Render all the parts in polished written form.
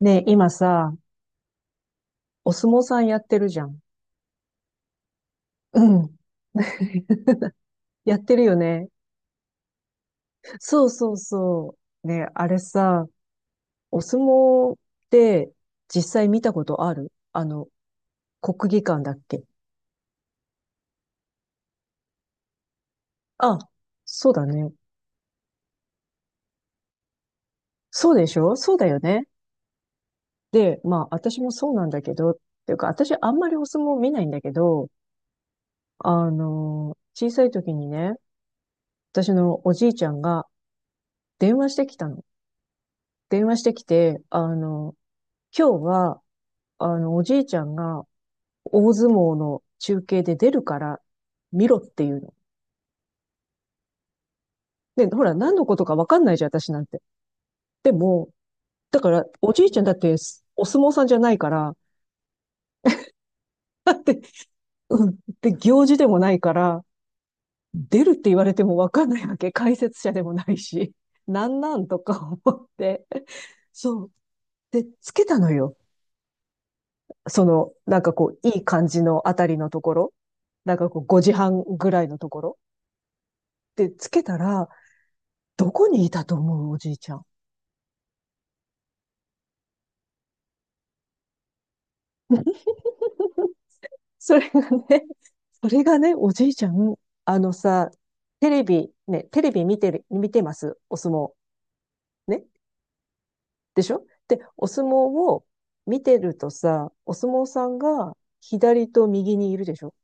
ねえ、今さ、お相撲さんやってるじゃん。うん。やってるよね。そうそうそう。ねえ、あれさ、お相撲って実際見たことある国技館だっけ？あ、そうだね。そうでしょ？そうだよね。で、まあ、私もそうなんだけど、っていうか、私あんまりお相撲見ないんだけど、小さい時にね、私のおじいちゃんが電話してきたの。電話してきて、今日はおじいちゃんが大相撲の中継で出るから見ろっていうの。で、ほら、何のことかわかんないじゃん、私なんて。でも、だから、おじいちゃんだってお相撲さんじゃないから、うん、で、行事でもないから、出るって言われてもわかんないわけ。解説者でもないし。なんなんとか思って。そう。で、つけたのよ。その、なんかこう、いい感じのあたりのところ。なんかこう、5時半ぐらいのところ。で、つけたら、どこにいたと思う、おじいちゃん。それがね、それがね、おじいちゃん、あのさ、テレビ、ね、テレビ見てる、見てます、お相撲。ね。でしょ？で、お相撲を見てるとさ、お相撲さんが左と右にいるでしょ？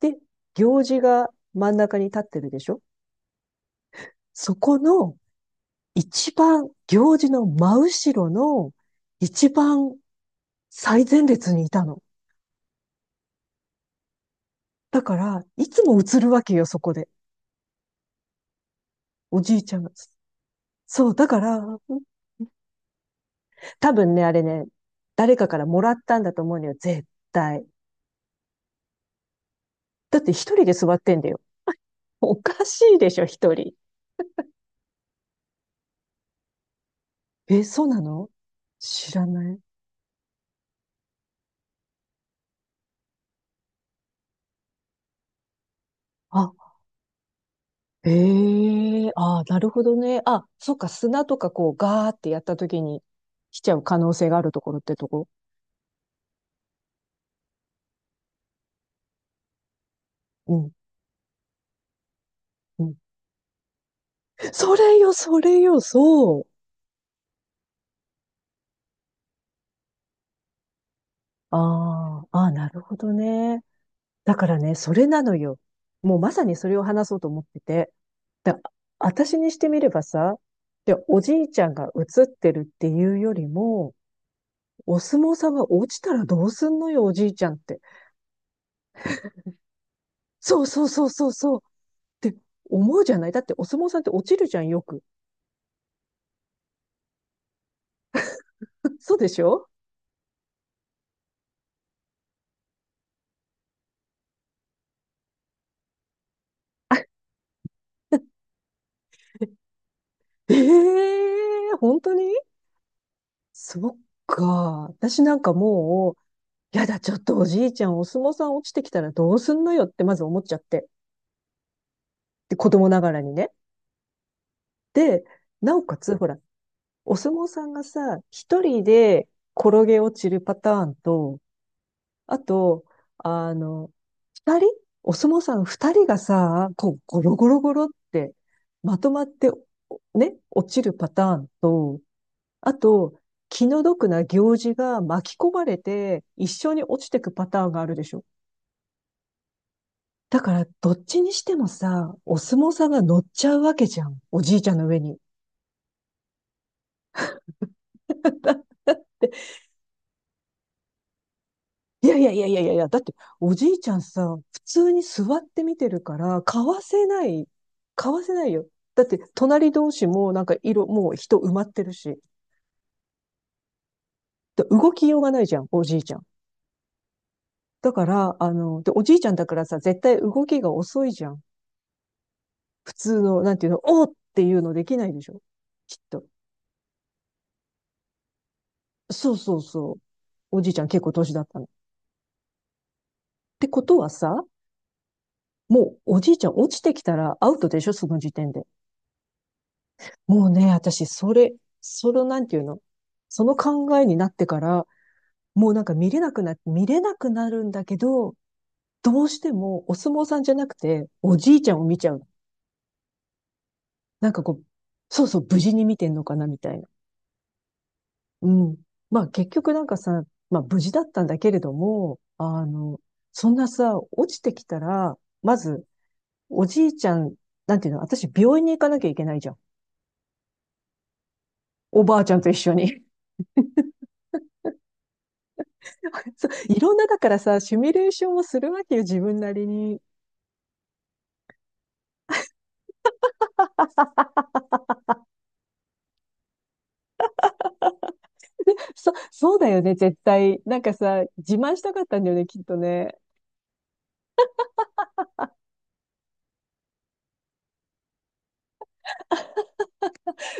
で、行司が真ん中に立ってるでしょ？そこの一番、行司の真後ろの一番最前列にいたの。だから、いつも映るわけよ、そこで。おじいちゃんが。そう、だから、多分ね、あれね、誰かからもらったんだと思うのよ、絶対。だって一人で座ってんだよ。おかしいでしょ、一人。え、そうなの？知らない。あ、ええ、ああ、なるほどね。あ、そっか、砂とかこう、ガーってやった時に来ちゃう可能性があるところってとこ。うん、うん。それよ、それよ、そう。ああ、ああ、なるほどね。だからね、それなのよ。もうまさにそれを話そうと思ってて。で、私にしてみればさ、で、おじいちゃんが映ってるっていうよりも、お相撲さんが落ちたらどうすんのよ、おじいちゃんって。そうそうそうそうそうって思うじゃない？だってお相撲さんって落ちるじゃん、よく。そうでしょ？え、 えー、本当に？そっか。私なんかもう、やだ、ちょっとおじいちゃん、お相撲さん落ちてきたらどうすんのよってまず思っちゃって。で、子供ながらにね。で、なおかつ、ほら、お相撲さんがさ、一人で転げ落ちるパターンと、あと、あの、二人お相撲さん二人がさ、こう、ゴロゴロゴロってまとまって、ね、落ちるパターンと、あと、気の毒な行事が巻き込まれて一緒に落ちてくパターンがあるでしょ。だから、どっちにしてもさ、お相撲さんが乗っちゃうわけじゃん。おじいちゃんの上に。いやいやいやいやいやいや、だっておじいちゃんさ、普通に座って見てるから、買わせない。買わせないよ。だって隣同士もなんか色、もう人埋まってるし。で動きようがないじゃん、おじいちゃん。だから、おじいちゃんだからさ、絶対動きが遅いじゃん。普通の、なんていうの、おーっていうのできないでしょ。きっと。そうそうそう。おじいちゃん結構年だったの。ってことはさ、もうおじいちゃん落ちてきたらアウトでしょ、その時点で。もうね、私、それ、その、なんていうの？その考えになってから、もうなんか見れなくな、見れなくなるんだけど、どうしてもお相撲さんじゃなくて、おじいちゃんを見ちゃうの。なんかこう、そうそう、無事に見てんのかな、みたいな。うん。まあ結局なんかさ、まあ無事だったんだけれども、そんなさ、落ちてきたら、まず、おじいちゃん、なんていうの、私病院に行かなきゃいけないじゃん。おばあちゃんと一緒に。そう、いろんなだからさ、シミュレーションをするわけよ、自分なりに。そ、そうだよね、絶対。なんかさ、自慢したかったんだよね、きっとね。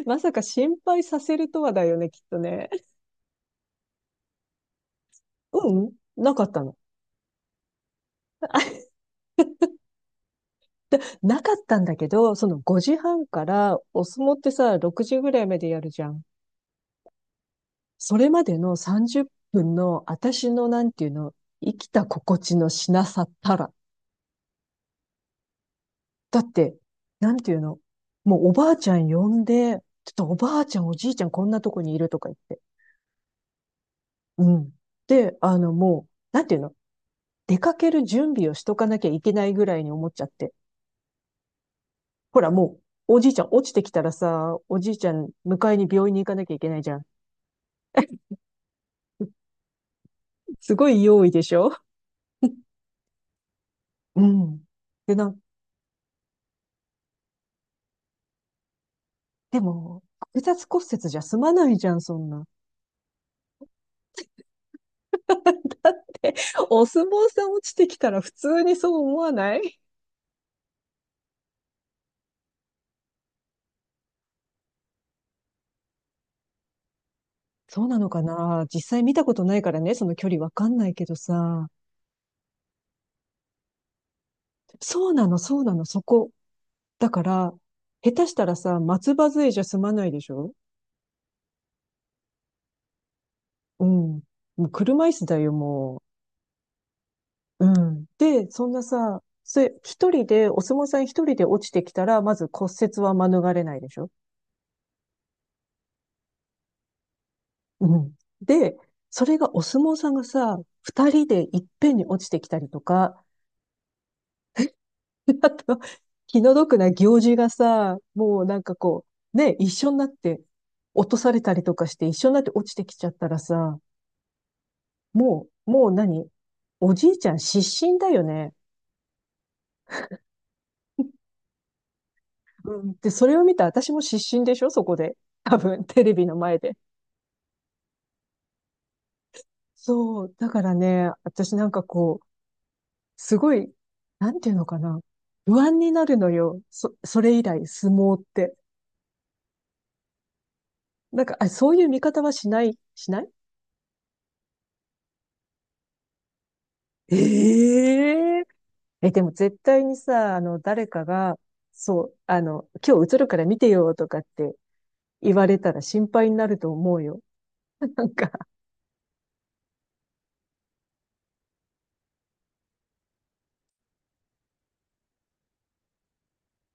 まさか心配させるとはだよね、きっとね。うん、なかったの。あなかったんだけど、その5時半からお相撲ってさ、6時ぐらいまでやるじゃん。それまでの30分の私のなんていうの、生きた心地のしなさったら。だって、なんていうの？もうおばあちゃん呼んで、ちょっとおばあちゃんおじいちゃんこんなとこにいるとか言って。うん。で、あのもう、なんていうの？出かける準備をしとかなきゃいけないぐらいに思っちゃって。ほらもう、おじいちゃん落ちてきたらさ、おじいちゃん迎えに病院に行かなきゃいけないじゃん。すごい用意でしょ？うん。で、なん、でも、複雑骨折じゃ済まないじゃん、そんな。お相撲さん落ちてきたら普通にそう思わない？そうなのかな？実際見たことないからね、その距離わかんないけどさ。そうなの、そうなの、そこ。だから、下手したらさ、松葉杖じゃ済まないでしょ？うん。もう車椅子だよ、もう。うん。で、そんなさ、それ、一人で、お相撲さん一人で落ちてきたら、まず骨折は免れないでしょ？うん。で、それがお相撲さんがさ、二人でいっぺんに落ちてきたりとか、あと、気の毒な行事がさ、もうなんかこう、ね、一緒になって落とされたりとかして一緒になって落ちてきちゃったらさ、もう、もう何おじいちゃん失神だよね。うん。で、それを見た私も失神でしょ？そこで。多分、テレビの前で。そう。だからね、私なんかこう、すごい、なんていうのかな。不安になるのよ。そ、それ以来、相撲って。なんか、あ、そういう見方はしない、しないえ？ええ、でも絶対にさ、誰かが、そう、今日映るから見てよとかって言われたら心配になると思うよ。なんか、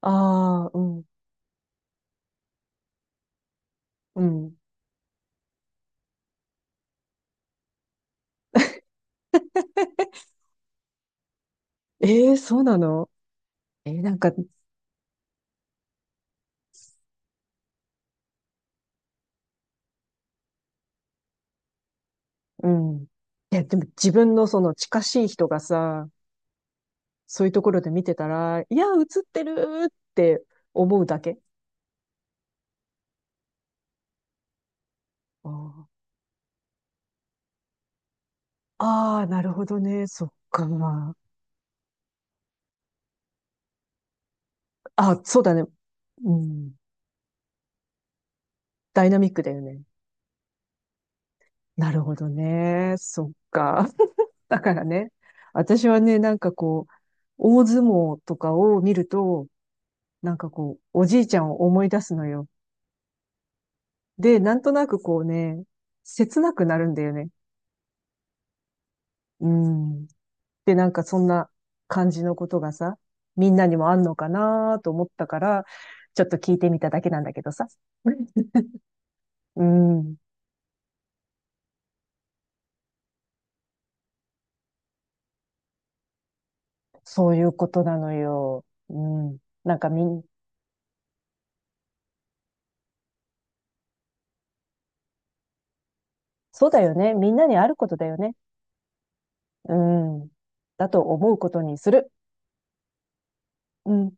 ああ、うん、うん。えー、そうなの？えーなんか、うん。いや、でも自分のその近しい人がさ、そういうところで見てたら、いや、映ってるって思うだけ。あー、あー、なるほどね。そっか。あ、そうだね。うん。ダイナミックだよね。なるほどね。そっか。だからね、私はね、なんかこう、大相撲とかを見ると、なんかこう、おじいちゃんを思い出すのよ。で、なんとなくこうね、切なくなるんだよね。うん。で、なんかそんな感じのことがさ、みんなにもあんのかなと思ったから、ちょっと聞いてみただけなんだけどさ。うん。そういうことなのよ。うん。なんかみん、そうだよね。みんなにあることだよね。うん。だと思うことにする。うん。